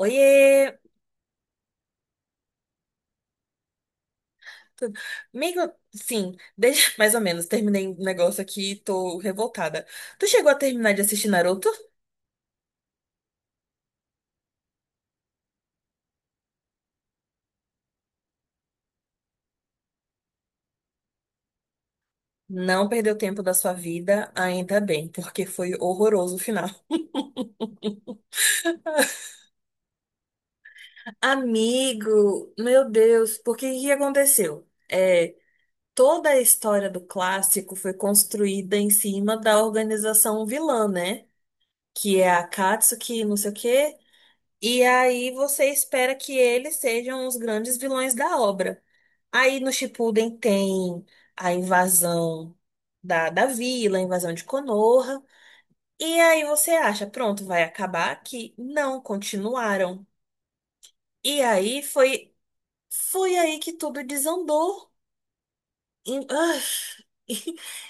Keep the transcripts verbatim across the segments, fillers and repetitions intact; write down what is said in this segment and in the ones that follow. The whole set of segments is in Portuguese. Oiê! Tudo- Amigo, sim, desde mais ou menos, terminei um negócio aqui e tô revoltada. Tu chegou a terminar de assistir Naruto? Não perdeu tempo da sua vida, ainda bem, porque foi horroroso o final. Amigo, meu Deus, porque que que aconteceu? É, toda a história do clássico foi construída em cima da organização vilã, né? Que é a Akatsuki, não sei o quê. E aí você espera que eles sejam os grandes vilões da obra. Aí no Shippuden tem a invasão da, da vila, a invasão de Konoha. E aí você acha, pronto, vai acabar aqui. Não, continuaram. E aí foi, foi aí que tudo desandou. In- ah,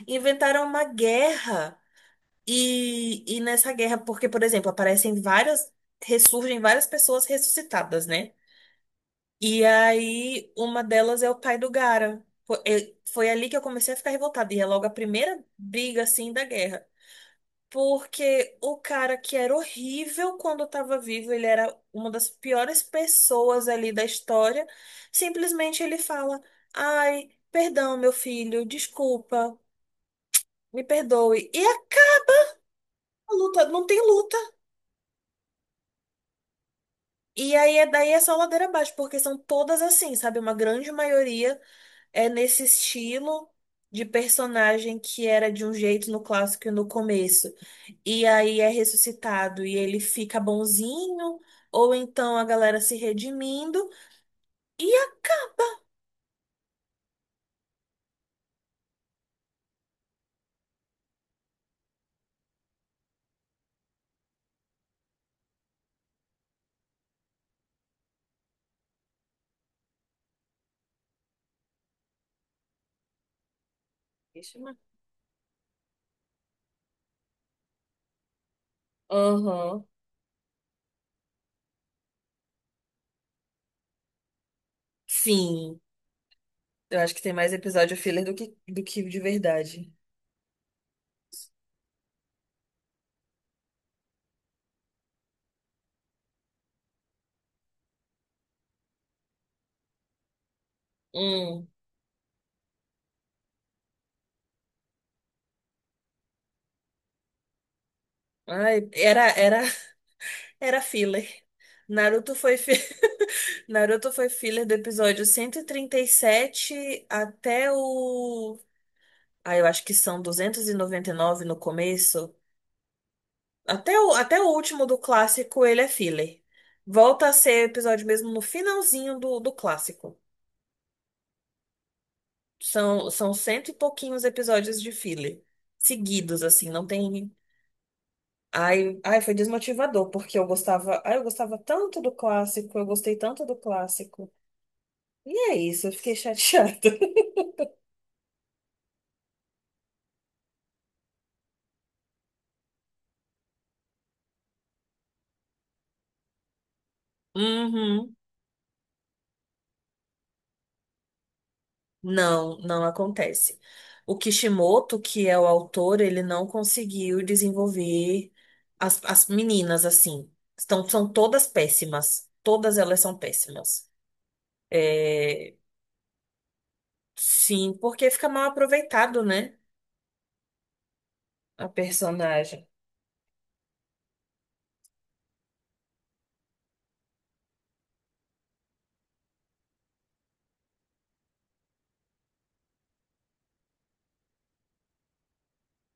Inventaram uma guerra. E, e nessa guerra, porque, por exemplo, aparecem várias, ressurgem várias pessoas ressuscitadas, né? E aí, uma delas é o pai do Gara. Foi, eu- foi ali que eu comecei a ficar revoltada. E é logo a primeira briga, assim, da guerra. Porque o cara que era horrível quando estava vivo, ele era uma das piores pessoas ali da história. Simplesmente ele fala: Ai, perdão, meu filho, desculpa, me perdoe. E acaba a luta, não tem luta. E aí, é- daí é só ladeira abaixo, porque são todas assim, sabe? Uma grande maioria é nesse estilo de personagem que era de um jeito no clássico e no começo. E aí é ressuscitado e ele fica bonzinho, ou então a galera se redimindo. E a... Vítima? Aham. Sim. Eu acho que tem mais episódio filler do que, do que de verdade. Hum, ai, era, era, era filler. Naruto foi fi... Naruto foi filler do episódio cento e e trinta e sete até o Ah, eu acho que são duzentos e e noventa e nove no começo. Até o, até o último do clássico, ele é filler. Volta a ser episódio mesmo no finalzinho do, do clássico. São, são cento e pouquinhos episódios de filler. Seguidos, assim, não tem. Ai, ai, foi desmotivador, porque eu gostava. Ai, eu gostava tanto do clássico, eu gostei tanto do clássico. E é isso, eu fiquei chateada. Uhum. Não, não acontece. O Kishimoto, que é o autor, ele não conseguiu desenvolver as, as meninas assim. Estão, são todas péssimas. Todas elas são péssimas. É, sim, porque fica mal aproveitado, né? A personagem.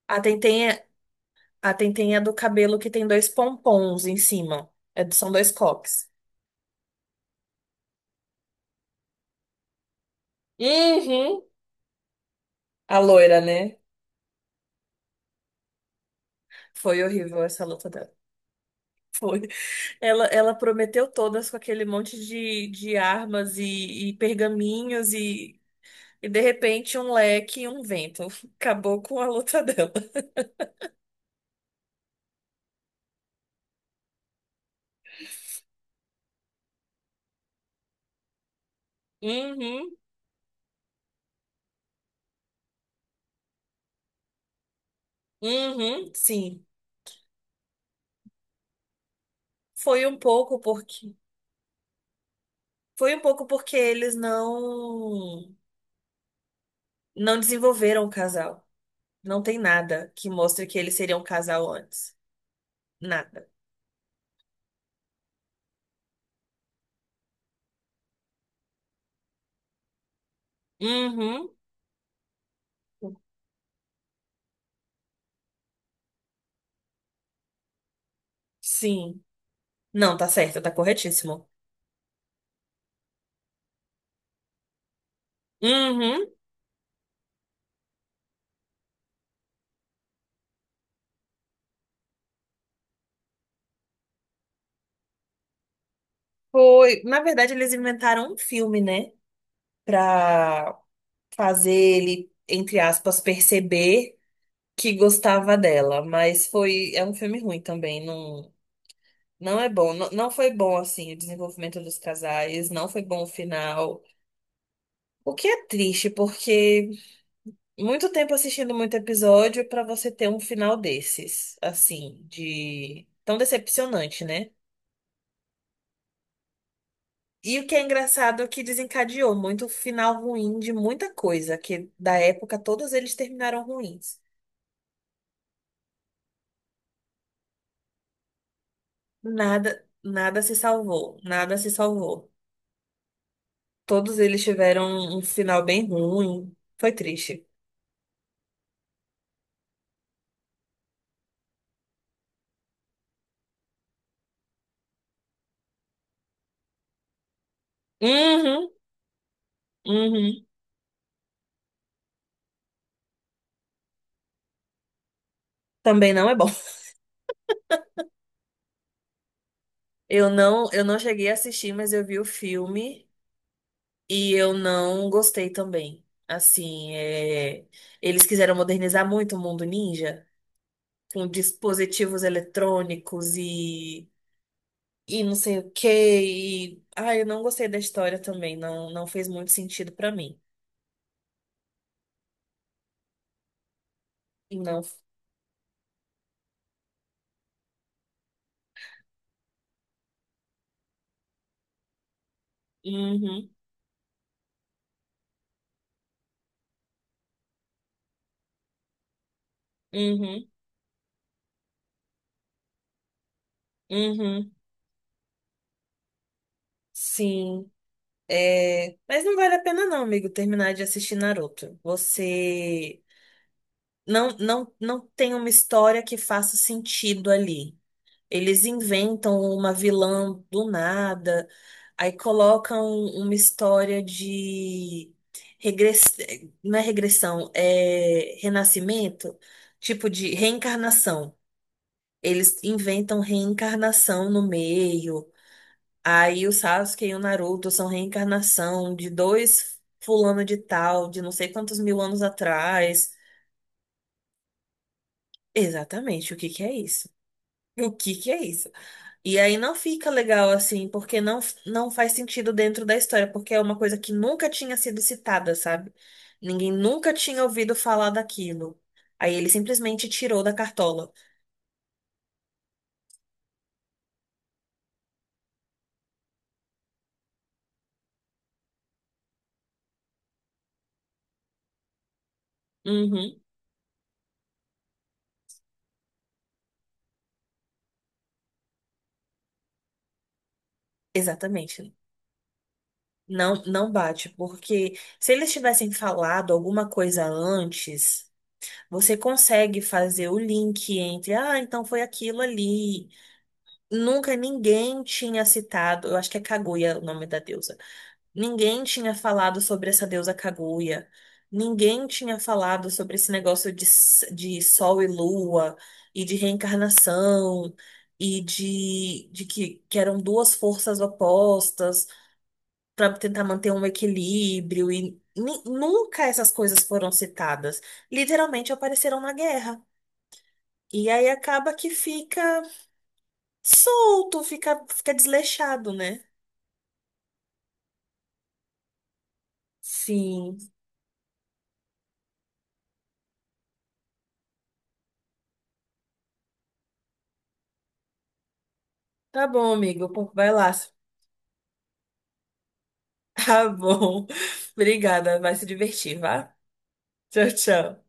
A Tenten é, a Tenten é do cabelo que tem dois pompons em cima. É- são dois coques. Uhum. A loira, né? Foi horrível essa luta dela. Foi. Ela, ela prometeu todas com aquele monte de, de armas e, e pergaminhos e, e de repente um leque e um vento. Acabou com a luta dela. Uhum, uhum, sim. Foi um pouco porque foi um pouco porque eles não não desenvolveram o casal. Não tem nada que mostre que eles seriam um casal antes. Nada. Uhum. Sim. Não, tá certo, tá corretíssimo. Uhum. Foi, na verdade eles inventaram um filme, né? Para fazer ele, entre aspas, perceber que gostava dela, mas foi, é um filme ruim também, não, não é bom, não, não foi bom assim o desenvolvimento dos casais, não foi bom o final. O que é triste, porque muito tempo assistindo muito episódio para você ter um final desses, assim, de tão decepcionante, né? E o que é engraçado é que desencadeou muito o final ruim de muita coisa, que da época todos eles terminaram ruins. Nada, nada se salvou, nada se salvou. Todos eles tiveram um final bem ruim. Foi triste. Uhum, uhum. Também não é bom. Eu não, eu não cheguei a assistir, mas eu vi o filme e eu não gostei também. Assim, é, eles quiseram modernizar muito o mundo ninja com dispositivos eletrônicos e e não sei o quê. E, ah, eu não gostei da história também. Não, não fez muito sentido pra mim. E não. Uhum. Uhum, uhum, sim. É, mas não vale a pena não, amigo, terminar de assistir Naruto. Você não, não, não tem uma história que faça sentido ali. Eles inventam uma vilã do nada, aí colocam uma história de regress... não é regressão, é renascimento, tipo de reencarnação. Eles inventam reencarnação no meio. Aí o Sasuke e o Naruto são reencarnação de dois fulano de tal, de não sei quantos mil anos atrás. Exatamente, o que que é isso? O que que é isso? E aí não fica legal assim, porque não, não faz sentido dentro da história, porque é uma coisa que nunca tinha sido citada, sabe? Ninguém nunca tinha ouvido falar daquilo. Aí ele simplesmente tirou da cartola. Uhum, exatamente. Não, não bate, porque se eles tivessem falado alguma coisa antes. Você consegue fazer o link entre, ah, então foi aquilo ali. Nunca ninguém tinha citado, eu acho que é Kaguya o nome da deusa. Ninguém tinha falado sobre essa deusa Kaguya. Ninguém tinha falado sobre esse negócio de, s- de sol e lua, e de reencarnação, e de, de que, que eram duas forças opostas para tentar manter um equilíbrio. E ni- nunca essas coisas foram citadas. Literalmente apareceram na guerra. E aí acaba que fica solto, fica, fica desleixado, né? Sim. Tá bom, amigo. Pô, vai lá. Tá bom. Obrigada, vai se divertir, vá. Tchau, tchau.